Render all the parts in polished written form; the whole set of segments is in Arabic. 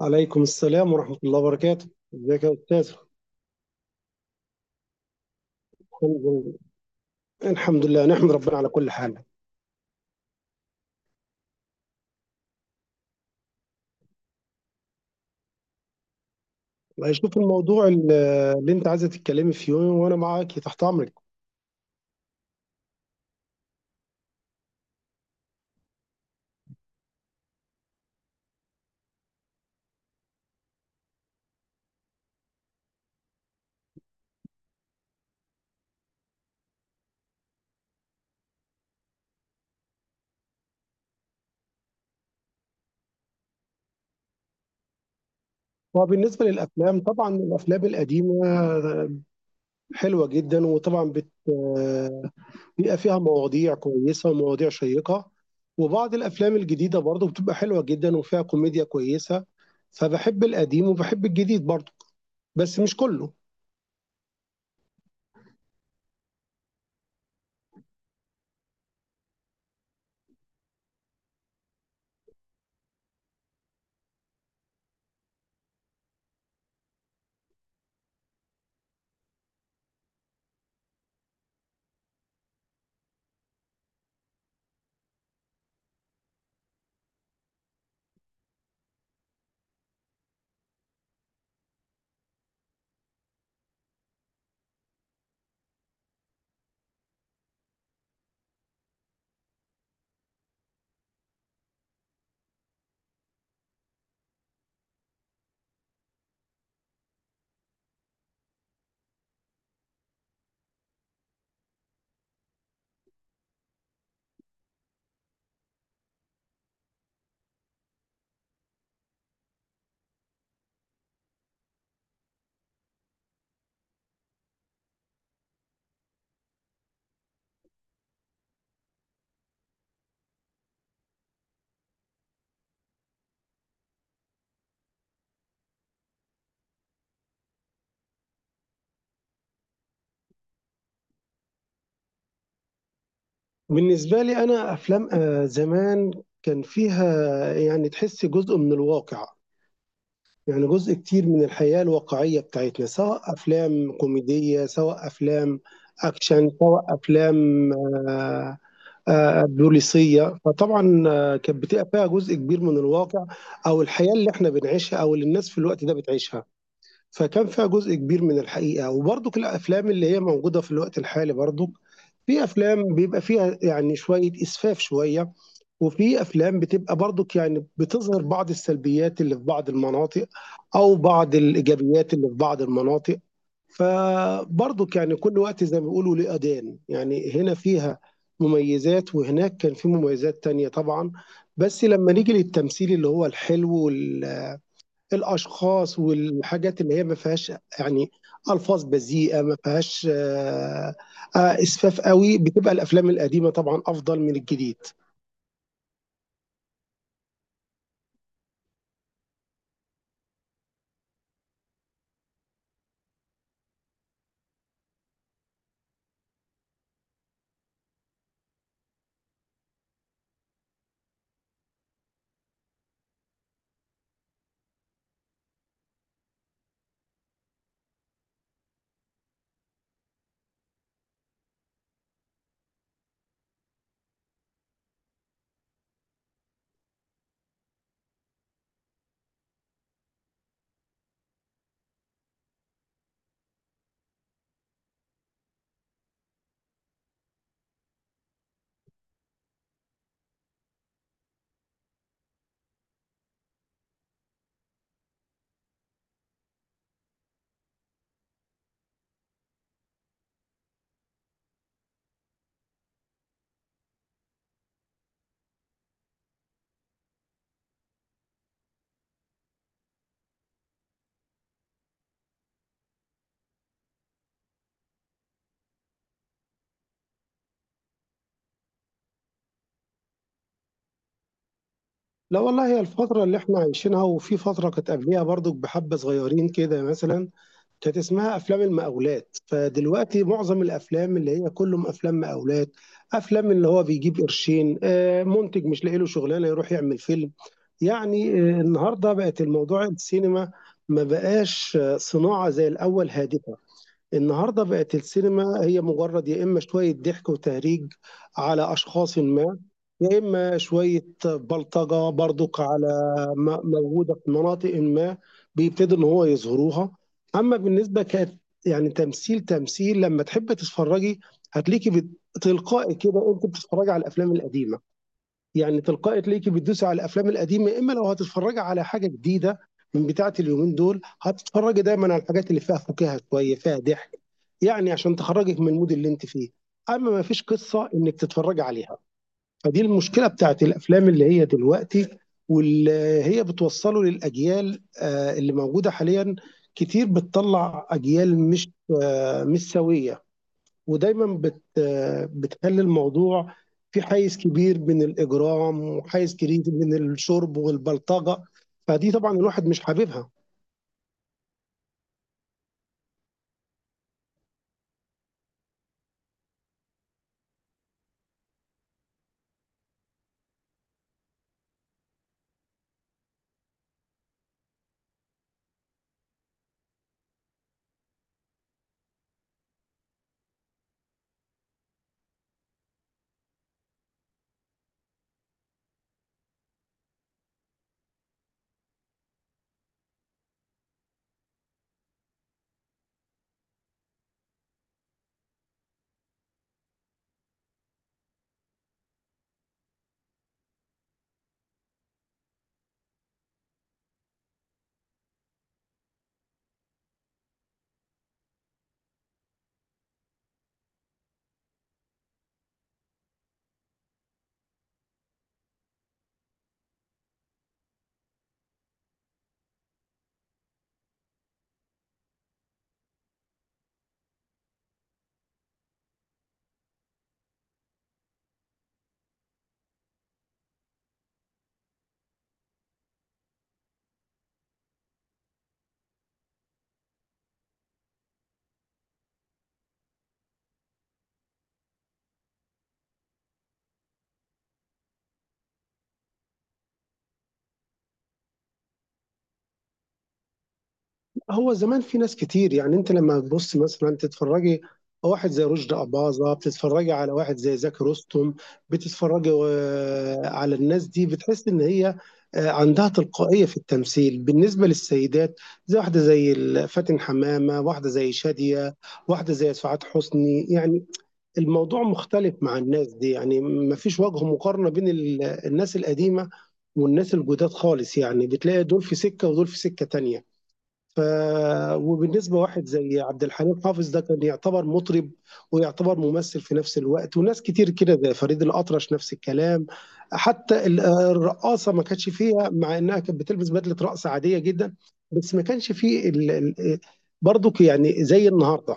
عليكم السلام ورحمة الله وبركاته. ازيك يا أستاذ؟ الحمد لله، نحمد ربنا على كل حال. والله شوف، اللي أنت عايزة تتكلمي فيه وأنا معاك تحت أمرك. وبالنسبة للأفلام، طبعا الأفلام القديمة حلوة جدا، وطبعا بيبقى فيها مواضيع كويسة ومواضيع شيقة. وبعض الأفلام الجديدة برضه بتبقى حلوة جدا وفيها كوميديا كويسة، فبحب القديم وبحب الجديد برضه، بس مش كله. بالنسبة لي أنا، أفلام زمان كان فيها، يعني، تحس جزء من الواقع. يعني جزء كتير من الحياة الواقعية بتاعتنا، سواء أفلام كوميدية، سواء أفلام أكشن، سواء أفلام بوليسية. فطبعا كانت بتبقى فيها جزء كبير من الواقع أو الحياة اللي احنا بنعيشها، أو اللي الناس في الوقت ده بتعيشها. فكان فيها جزء كبير من الحقيقة. وبرضك الأفلام اللي هي موجودة في الوقت الحالي، برضك في أفلام بيبقى فيها يعني شوية إسفاف شوية، وفي أفلام بتبقى برضك يعني بتظهر بعض السلبيات اللي في بعض المناطق أو بعض الإيجابيات اللي في بعض المناطق. فبرضك يعني كل وقت زي ما بيقولوا ليه أذان، يعني هنا فيها مميزات وهناك كان في مميزات تانية طبعا. بس لما نيجي للتمثيل اللي هو الحلو، وال الاشخاص والحاجات اللي هي ما فيهاش، يعني، الفاظ بذيئه، ما فيهاش اسفاف قوي، بتبقى الافلام القديمه طبعا افضل من الجديد. لا والله، هي الفتره اللي احنا عايشينها، وفي فتره كانت قبليها برضو، بحبه صغيرين كده مثلا، كانت اسمها افلام المقاولات. فدلوقتي معظم الافلام اللي هي كلهم افلام مقاولات، افلام اللي هو بيجيب قرشين منتج مش لاقي له شغلانه يروح يعمل فيلم. يعني النهارده بقت الموضوع السينما ما بقاش صناعة زي الأول هادفة. النهارده بقت السينما هي مجرد يا إما شوية ضحك وتهريج على أشخاص ما، يا إما شوية بلطجة برضك على موجودة في مناطق ما، بيبتدوا إن هو يظهروها. أما بالنسبة كانت يعني تمثيل لما تحب تتفرجي، هتلاقيكي تلقائي كده، أنت بتتفرجي على الأفلام القديمة. يعني تلقائي تلاقيكي بتدوسي على الأفلام القديمة، يا إمّا لو هتتفرّجي على حاجة جديدة من بتاعة اليومين دول، هتتفرّجي دايمًا على الحاجات اللي فيها فُكاهة شوية، فيها ضحك، يعني عشان تخرّجِك من الmood اللي أنتِ فيه، أمّا ما فيش قصة إنِّك تتفرّجي عليها. فدي المشكلة بتاعة الأفلام اللي هي دلوقتي، واللي هي بتوصّله للأجيال اللي موجودة حاليًا، كتير بتطلّع أجيال مش سويّة. ودايما بتخلي الموضوع في حيز كبير من الإجرام وحيز كبير من الشرب والبلطجة، فدي طبعا الواحد مش حاببها. هو زمان في ناس كتير، يعني انت لما تبص مثلا تتفرجي على واحد زي رشدي أباظة، بتتفرجي على واحد زي زكي رستم، بتتفرجي على الناس دي، بتحس ان هي عندها تلقائية في التمثيل. بالنسبة للسيدات، زي واحدة زي فاتن حمامة، واحدة زي شادية، واحدة زي سعاد حسني، يعني الموضوع مختلف مع الناس دي. يعني ما فيش وجه مقارنة بين الناس القديمة والناس الجداد خالص، يعني بتلاقي دول في سكة ودول في سكة تانية. ف... وبالنسبة واحد زي عبد الحليم حافظ، ده كان يعتبر مطرب ويعتبر ممثل في نفس الوقت، وناس كتير كده زي فريد الأطرش نفس الكلام. حتى الرقاصة ما كانتش فيها، مع إنها كانت بتلبس بدلة رقص عادية جدا، بس ما كانش فيه برضو يعني زي النهارده،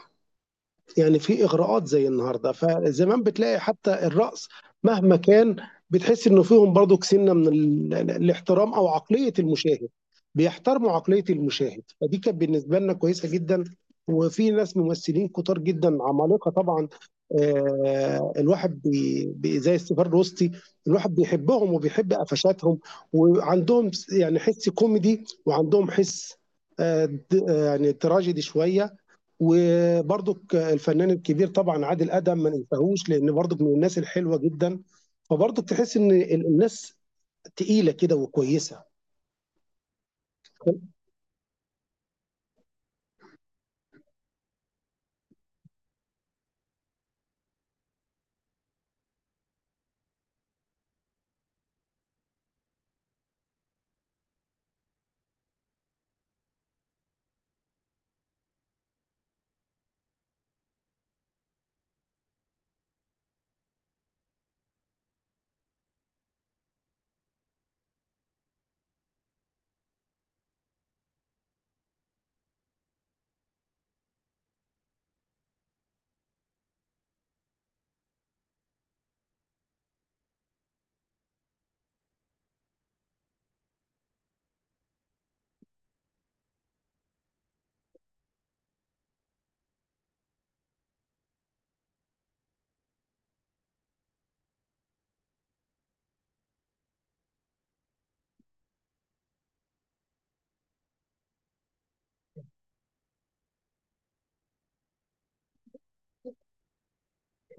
يعني في إغراءات زي النهارده. فزمان بتلاقي حتى الرقص مهما كان، بتحس إنه فيهم برضك سِنّة من الاحترام أو عقلية المشاهد، بيحترموا عقلية المشاهد. فدي كانت بالنسبة لنا كويسة جدًا. وفي ناس ممثلين كتار جدًا عمالقة طبعًا، الواحد بي بي زي السيفاد الوسطي، الواحد بيحبهم وبيحب قفشاتهم، وعندهم يعني حِس كوميدي، وعندهم حِس د آه، يعني تراجيدي شوية. وبرضك الفنان الكبير طبعا عادل ادم ما ننساهوش، لان برضك من الناس الحلوه جدا. فبرضك تحس ان الناس تقيله كده وكويسه.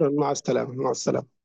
مع السلامه، مع السلامه.